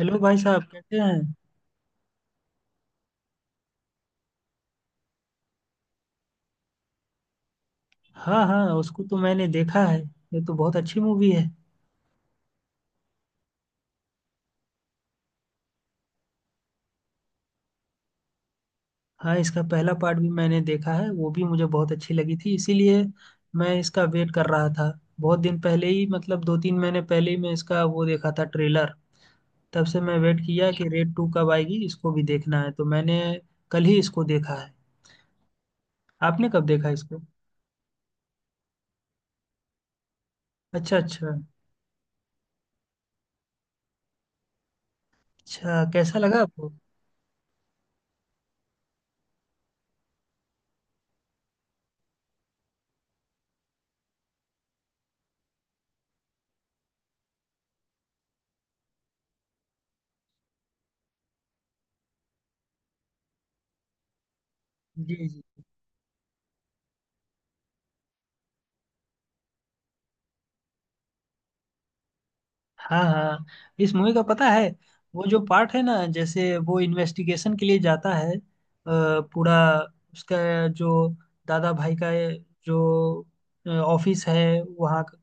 Hello भाई साहब कैसे हैं? हाँ हाँ, उसको तो मैंने देखा है। ये तो बहुत अच्छी मूवी है। हाँ, इसका पहला पार्ट भी मैंने देखा है, वो भी मुझे बहुत अच्छी लगी थी। इसीलिए मैं इसका वेट कर रहा था। बहुत दिन पहले ही, मतलब दो तीन महीने पहले ही मैं इसका वो देखा था, ट्रेलर। तब से मैं वेट किया कि रेड टू कब आएगी, इसको भी देखना है। तो मैंने कल ही इसको देखा है। आपने कब देखा इसको? अच्छा अच्छा। अच्छा, कैसा लगा आपको? जी जी। हाँ हाँ। इस मूवी का पता है, वो जो पार्ट है ना, जैसे वो इन्वेस्टिगेशन के लिए जाता है पूरा उसका जो दादा भाई का ये जो ऑफिस है वहाँ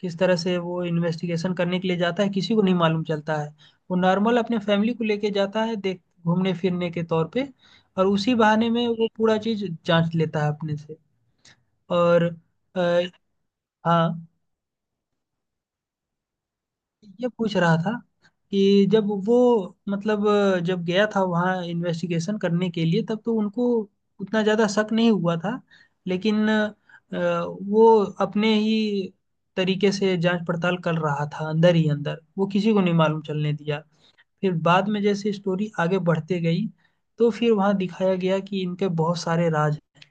किस तरह से वो इन्वेस्टिगेशन करने के लिए जाता है, किसी को नहीं मालूम चलता है। वो नॉर्मल अपने फैमिली को लेके जाता है, देख घूमने फिरने के तौर पे, और उसी बहाने में वो पूरा चीज जांच लेता है अपने से। और अ, हाँ, ये पूछ रहा था कि जब वो मतलब जब गया था वहाँ इन्वेस्टिगेशन करने के लिए, तब तो उनको उतना ज़्यादा शक नहीं हुआ था। लेकिन वो अपने ही तरीके से जांच पड़ताल कर रहा था, अंदर ही अंदर, वो किसी को नहीं मालूम चलने दिया। फिर बाद में जैसे स्टोरी आगे बढ़ते गई, तो फिर वहाँ दिखाया गया कि इनके बहुत सारे राज हैं,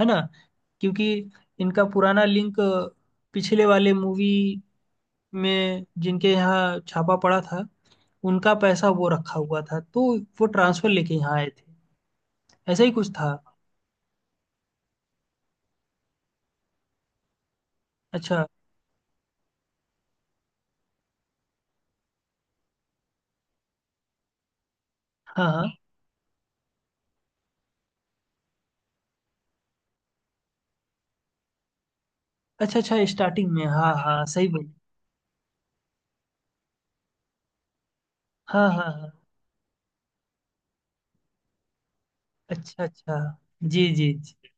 है ना। क्योंकि इनका पुराना लिंक पिछले वाले मूवी में जिनके यहाँ छापा पड़ा था, उनका पैसा वो रखा हुआ था। तो वो ट्रांसफर लेके यहाँ आए थे, ऐसा ही कुछ था। अच्छा। हाँ हाँ, अच्छा अच्छा। स्टार्टिंग में हाँ हाँ, सही बोली। हाँ हाँ हाँ। अच्छा अच्छा। जी जी जी।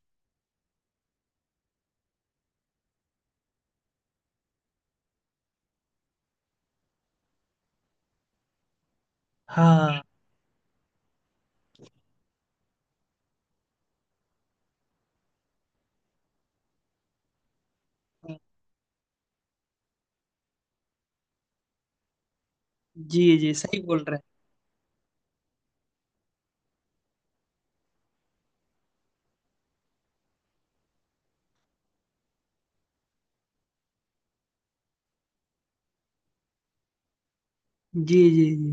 हाँ हाँ, जी जी, सही बोल रहे हैं। जी जी जी।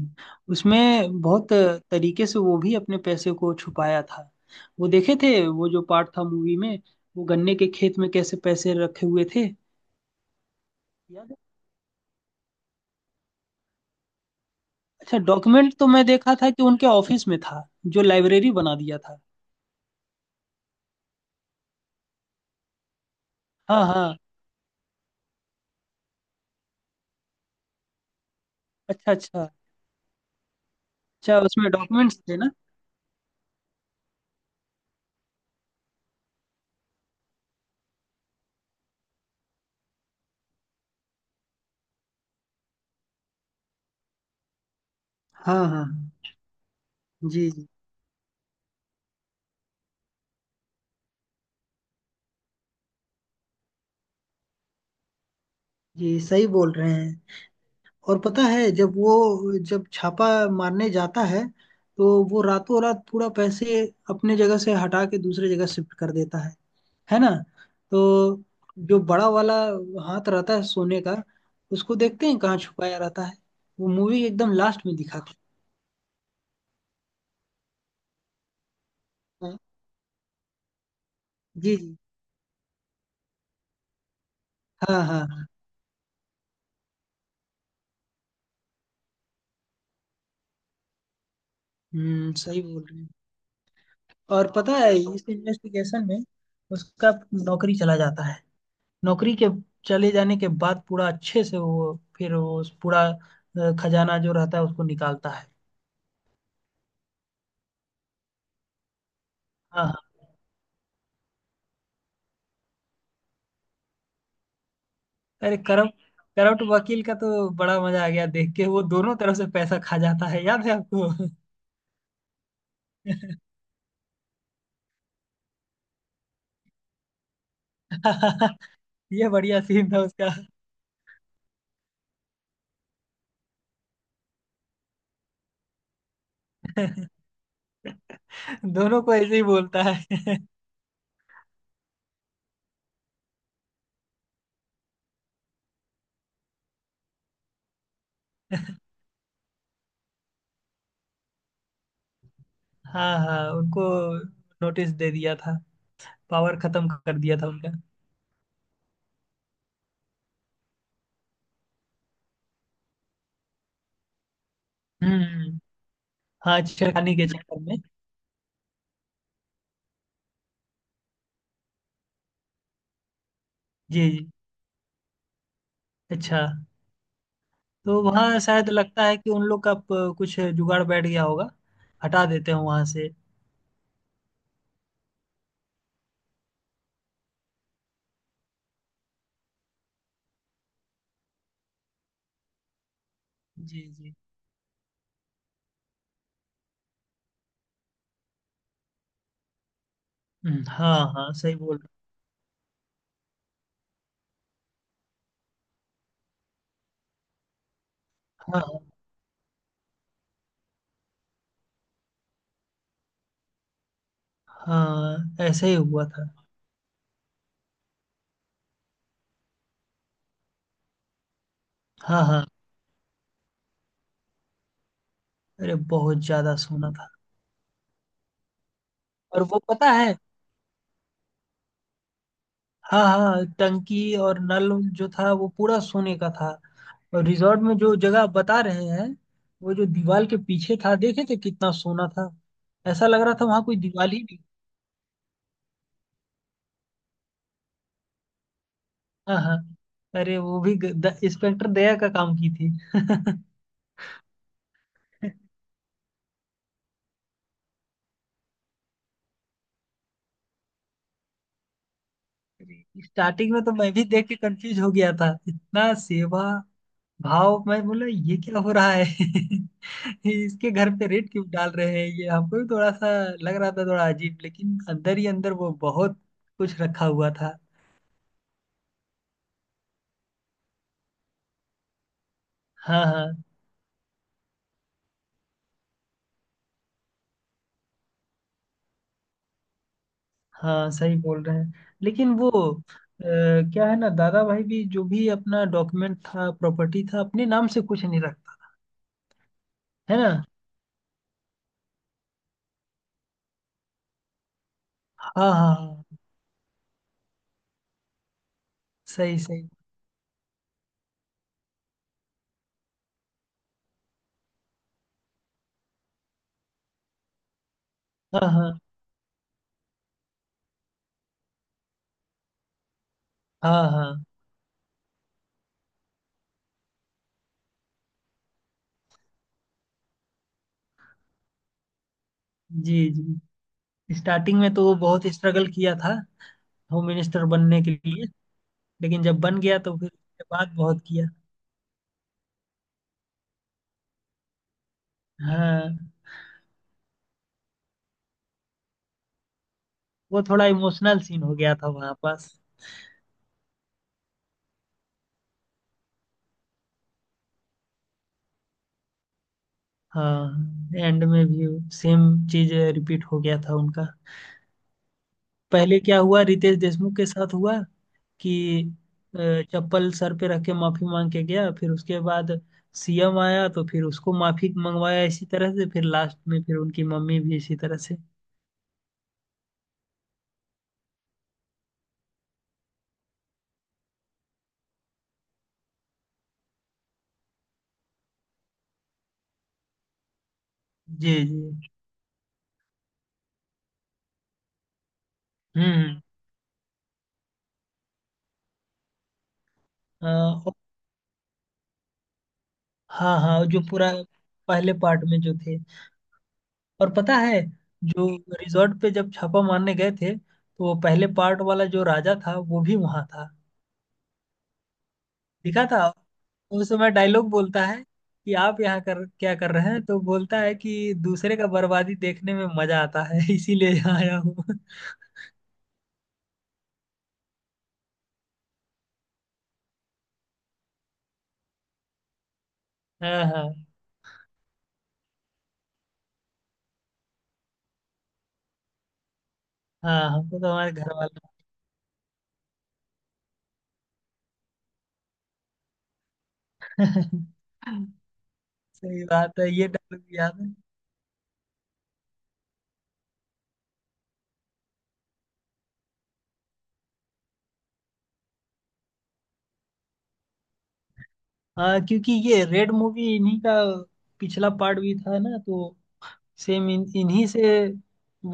उसमें बहुत तरीके से वो भी अपने पैसे को छुपाया था। वो देखे थे वो जो पार्ट था मूवी में, वो गन्ने के खेत में कैसे पैसे रखे हुए थे, याद है? अच्छा, डॉक्यूमेंट तो मैं देखा था कि उनके ऑफिस में था, जो लाइब्रेरी बना दिया था। हाँ हाँ। अच्छा अच्छा। अच्छा, उसमें डॉक्यूमेंट्स थे ना? हाँ हाँ हाँ, जी जी जी, सही बोल रहे हैं। और पता है, जब वो जब छापा मारने जाता है, तो वो रातों रात पूरा पैसे अपने जगह से हटा के दूसरे जगह शिफ्ट कर देता है ना। तो जो बड़ा वाला हाथ रहता है सोने का, उसको देखते हैं कहाँ छुपाया रहता है, वो मूवी एकदम लास्ट में दिखा। हाँ। जी जी। हाँ हाँ हाँ। हम्म, सही बोल रहे हैं। और पता है, इस इन्वेस्टिगेशन में उसका नौकरी चला जाता है। नौकरी के चले जाने के बाद पूरा अच्छे से वो फिर वो उस पूरा खजाना जो रहता है उसको निकालता है। हाँ हाँ। अरे, करप्ट करप्ट वकील का तो बड़ा मजा आ गया देख के। वो दोनों तरफ से पैसा खा जाता है, याद है आपको? ये बढ़िया सीन था उसका। दोनों को ऐसे ही बोलता है। हाँ हाँ, उनको नोटिस दे दिया था, पावर खत्म कर दिया था उनका। हम्म। हाँ, छेड़खानी के चक्कर में। जी जी। अच्छा, तो वहाँ शायद लगता है कि उन लोग का कुछ जुगाड़ बैठ गया होगा, हटा देते हैं वहाँ से। जी जी। हाँ हाँ, सही बोल। हाँ हाँ हाँ, ऐसे ही हुआ था। हाँ हाँ, अरे बहुत ज्यादा सोना था। और वो पता है। हाँ हाँ, टंकी और नल जो था वो पूरा सोने का था। और रिजॉर्ट में जो जगह बता रहे हैं, वो जो दीवार के पीछे था, देखे थे कितना सोना था। ऐसा लग रहा था वहां कोई दीवार ही नहीं। हाँ हाँ, अरे वो भी इंस्पेक्टर दया का काम की थी। स्टार्टिंग में तो मैं भी देख के कंफ्यूज हो गया था, इतना सेवा भाव। मैं बोला, ये क्या हो रहा है? इसके घर पे रेड क्यों डाल रहे हैं, ये हमको भी थोड़ा सा लग रहा था, थोड़ा अजीब। लेकिन अंदर ही अंदर वो बहुत कुछ रखा हुआ था। हाँ हाँ हाँ, सही बोल रहे हैं। लेकिन वो अ, क्या है ना, दादा भाई भी जो भी अपना डॉक्यूमेंट था, प्रॉपर्टी था, अपने नाम से कुछ नहीं रखता, है ना। हाँ हाँ हाँ। सही सही। हाँ हाँ हाँ हाँ। जी जी। स्टार्टिंग में तो वो बहुत स्ट्रगल किया था होम मिनिस्टर बनने के लिए। लेकिन जब बन गया तो फिर उसके बाद बहुत किया। हाँ, वो थोड़ा इमोशनल सीन हो गया था वहाँ पास। हाँ, एंड में भी सेम चीज रिपीट हो गया था उनका। पहले क्या हुआ, रितेश देशमुख के साथ हुआ कि अ, चप्पल सर पे रख के माफी मांग के गया। फिर उसके बाद सीएम आया तो फिर उसको माफी मंगवाया। इसी तरह से फिर लास्ट में फिर उनकी मम्मी भी इसी तरह से। जी जी। हम्म। अ, हाँ हाँ, जो पूरा पहले पार्ट में जो थे। और पता है, जो रिजॉर्ट पे जब छापा मारने गए थे, तो वो पहले पार्ट वाला जो राजा था वो भी वहां था, दिखा था। उस समय डायलॉग बोलता है कि आप यहाँ कर क्या कर रहे हैं? तो बोलता है कि दूसरे का बर्बादी देखने में मजा आता है, इसीलिए यहाँ आया हूँ। हाँ हाँ हाँ, हमको तो हमारे घर वाला। सही बात है, ये डायलॉग याद है। हाँ क्योंकि ये रेड मूवी इन्हीं का पिछला पार्ट भी था ना, तो सेम इन इन्हीं से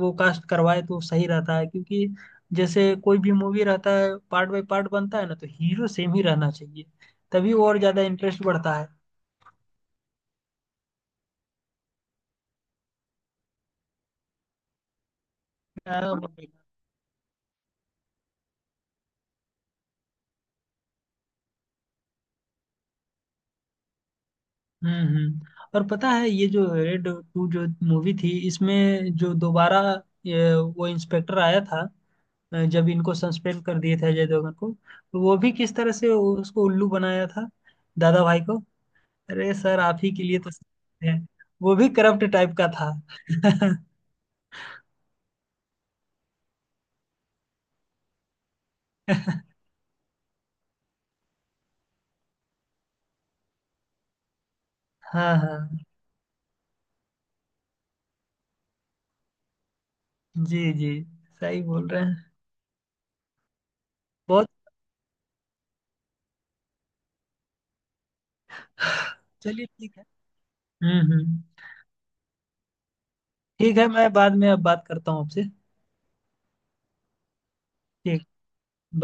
वो कास्ट करवाए तो सही रहता है। क्योंकि जैसे कोई भी मूवी रहता है पार्ट बाय पार्ट बनता है ना, तो हीरो सेम ही रहना चाहिए, तभी और ज्यादा इंटरेस्ट बढ़ता है। हाँ, हम्म। और पता है, ये जो रेड टू जो मूवी थी, इसमें जो दोबारा वो इंस्पेक्टर आया था जब इनको सस्पेंड कर दिए थे अजय देवगन को, तो वो भी किस तरह से उसको उल्लू बनाया था, दादा भाई को। अरे सर, आप ही के लिए तो सीखे हैं। वो भी करप्ट टाइप का था। हाँ हाँ। जी जी, सही बोल रहे हैं। बहुत। चलिए ठीक है। हम्म। ठीक है, मैं बाद में अब बात करता हूँ आपसे। ठीक